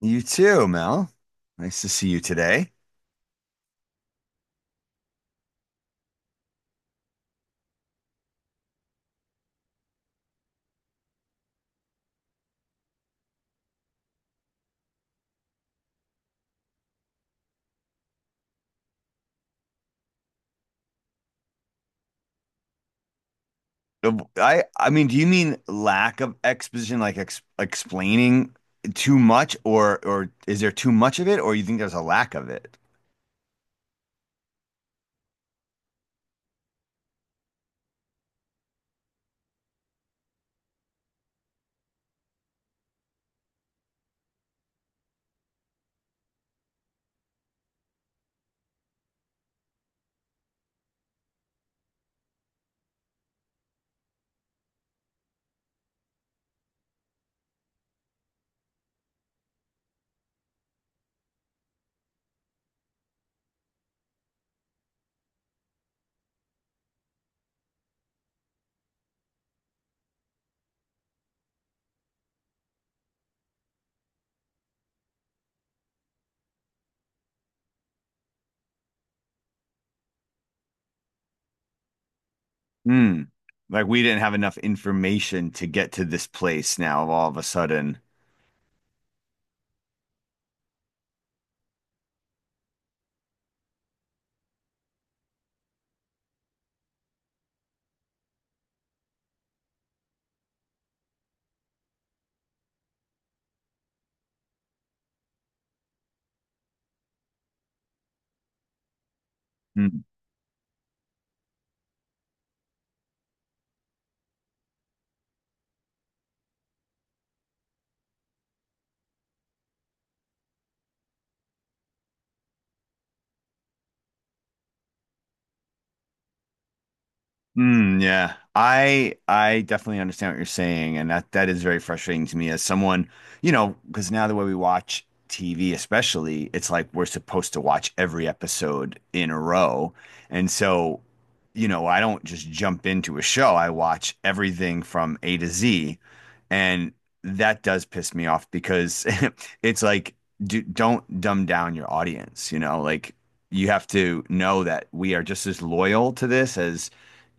You too, Mel. Nice to see you today. I mean, do you mean lack of exposition, like ex explaining too much, or is there too much of it, or you think there's a lack of it? Hmm. Like we didn't have enough information to get to this place now all of a sudden. Hmm. Yeah. I definitely understand what you're saying, and that is very frustrating to me as someone, you know, because now the way we watch TV, especially, it's like we're supposed to watch every episode in a row. And so, you know, I don't just jump into a show. I watch everything from A to Z, and that does piss me off because it's like don't dumb down your audience, you know, like you have to know that we are just as loyal to this as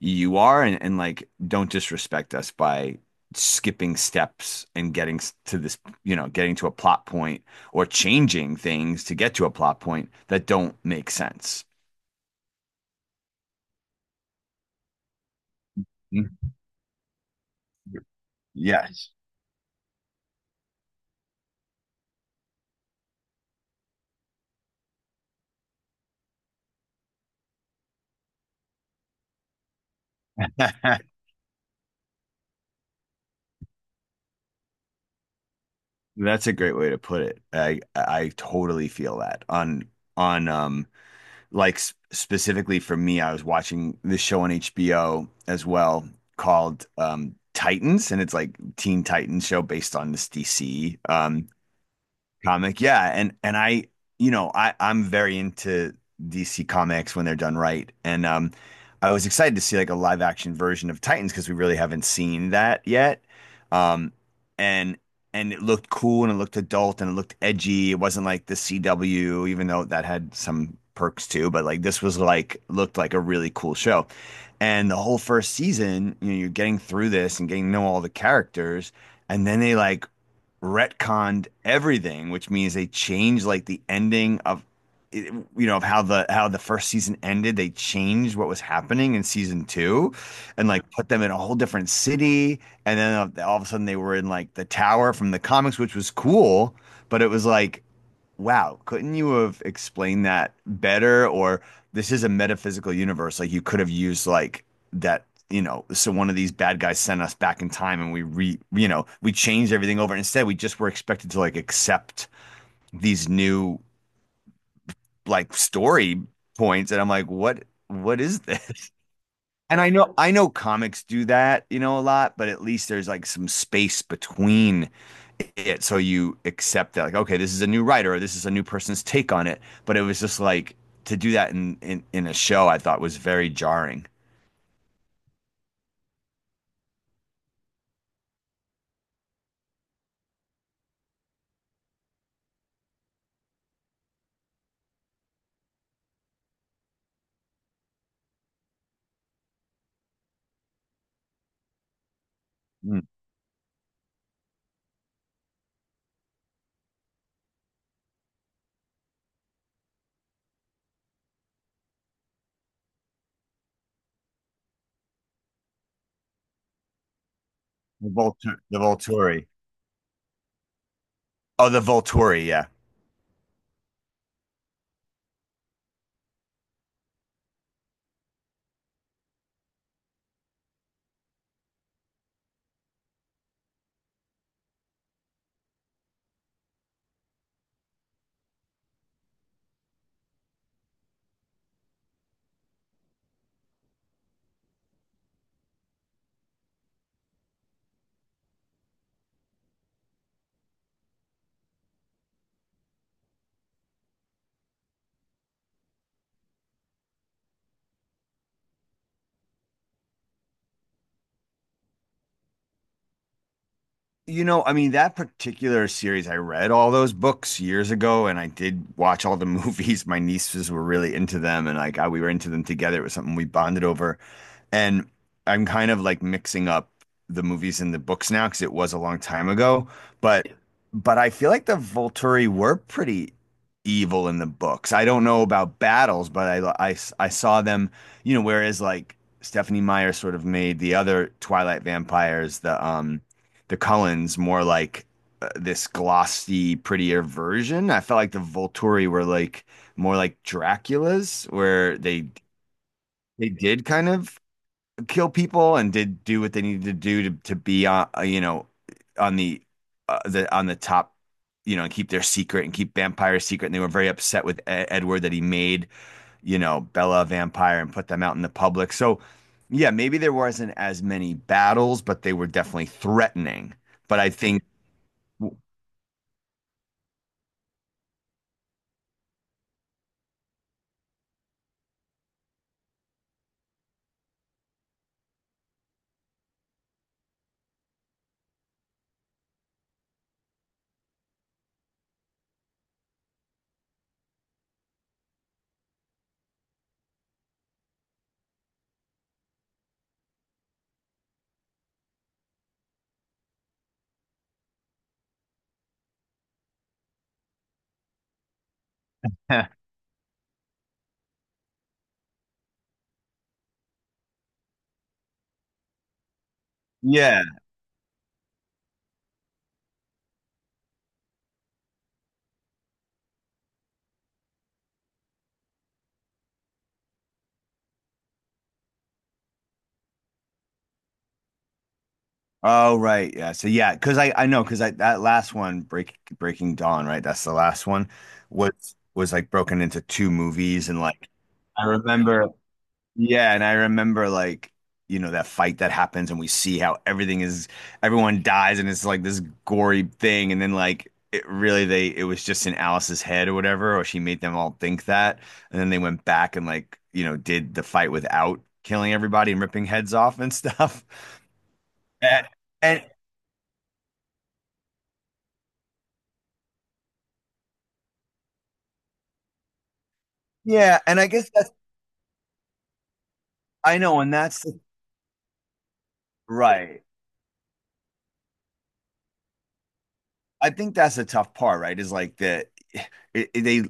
you are, and like don't disrespect us by skipping steps and getting to this you know, getting to a plot point, or changing things to get to a plot point that don't make sense. Mhm. Yes. That's a great way to put it. I totally feel that on on um like specifically for me. I was watching this show on HBO as well called Titans, and it's like Teen Titans show based on this DC comic. Yeah, and you know, I'm very into DC comics when they're done right. And I was excited to see like a live action version of Titans because we really haven't seen that yet. Um and and it looked cool and it looked adult and it looked edgy. It wasn't like the CW, even though that had some perks too, but like this was like looked like a really cool show. And the whole first season, you know, you're getting through this and getting to know all the characters, and then they like retconned everything, which means they changed like the ending of, you know, of how the first season ended. They changed what was happening in season two, and like put them in a whole different city. And then all of a sudden they were in like the tower from the comics, which was cool, but it was like, wow, couldn't you have explained that better? Or this is a metaphysical universe. Like you could have used like that, you know, so one of these bad guys sent us back in time and you know, we changed everything over. Instead, we just were expected to like accept these new like story points. And I'm like, what is this? And I know comics do that, you know, a lot, but at least there's like some space between it. So you accept that, like, okay, this is a new writer or this is a new person's take on it. But it was just like to do that in a show I thought was very jarring. Mm. The Volturi. Oh, the Volturi, yeah. You know, I mean, that particular series, I read all those books years ago and I did watch all the movies. My nieces were really into them and we were into them together. It was something we bonded over. And I'm kind of like mixing up the movies and the books now because it was a long time ago. But but I feel like the Volturi were pretty evil in the books. I don't know about battles, but I saw them, you know, whereas like Stephanie Meyer sort of made the other Twilight vampires, the Cullens more like this glossy, prettier version. I felt like the Volturi were like more like Dracula's where they did kind of kill people and did do what they needed to do to be on, you know, on the on the top, you know, and keep their secret and keep vampires secret. And they were very upset with Edward that he made, you know, Bella a vampire and put them out in the public. So yeah, maybe there wasn't as many battles, but they were definitely threatening. But I think yeah. Oh, right. Yeah. So yeah, because I know because I, that last one, Breaking Dawn, right? That's the last one, was like broken into two movies and like I remember, yeah, and I remember like, you know, that fight that happens and we see how everything is everyone dies and it's like this gory thing. And then like it really they it was just in Alice's head or whatever, or she made them all think that. And then they went back and like, you know, did the fight without killing everybody and ripping heads off and stuff. And, and yeah, and I guess that's, I know, right. I think that's the tough part, right? Is like that, it- they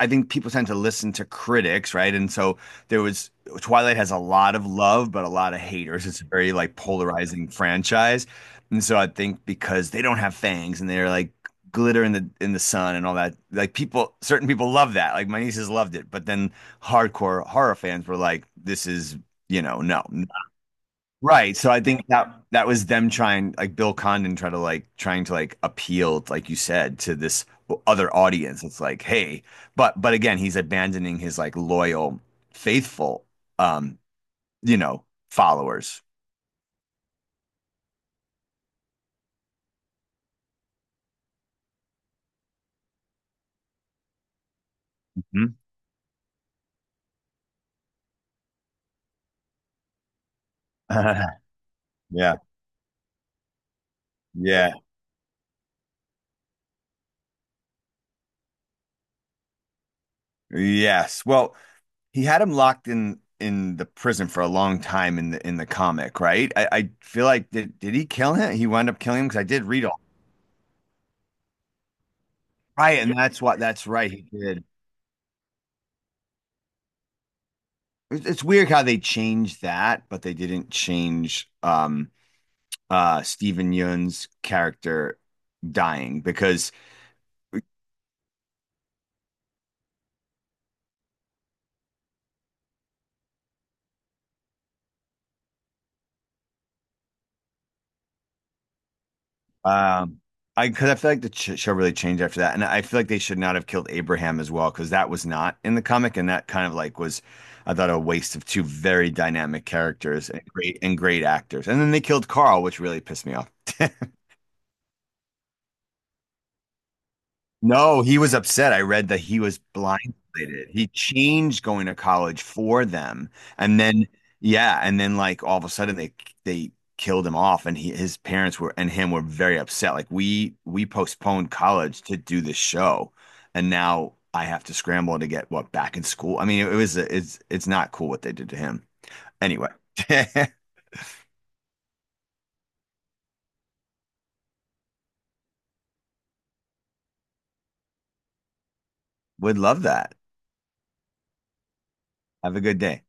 I think people tend to listen to critics, right? And so there was, Twilight has a lot of love, but a lot of haters. It's a very like polarizing franchise. And so I think because they don't have fangs and they're like glitter in the sun and all that, like people, certain people love that. Like my nieces loved it, but then hardcore horror fans were like, this is, you know, no. Right. So I think that that was them trying, like Bill Condon trying to trying to like appeal, like you said, to this other audience. It's like, hey, but again, he's abandoning his like loyal, faithful, um, you know, followers. Mhm. Yeah. Yeah. Yes. Well, he had him locked in the prison for a long time in the comic, right? I feel like did he kill him? He wound up killing him because I did read all. Right, and that's what, that's right. He did. It's weird how they changed that, but they didn't change Steven Yeun's character dying because um I, because I feel like the ch show really changed after that. And I feel like they should not have killed Abraham as well because that was not in the comic, and that kind of like was, I thought, a waste of two very dynamic characters and great actors. And then they killed Carl, which really pissed me off. No, he was upset. I read that he was blindsided. He changed going to college for them. And then yeah, and then like all of a sudden they killed him off. And he, his parents were and him were very upset. Like we postponed college to do this show and now I have to scramble to get what back in school. I mean, it's not cool what they did to him. Anyway, would love that. Have a good day.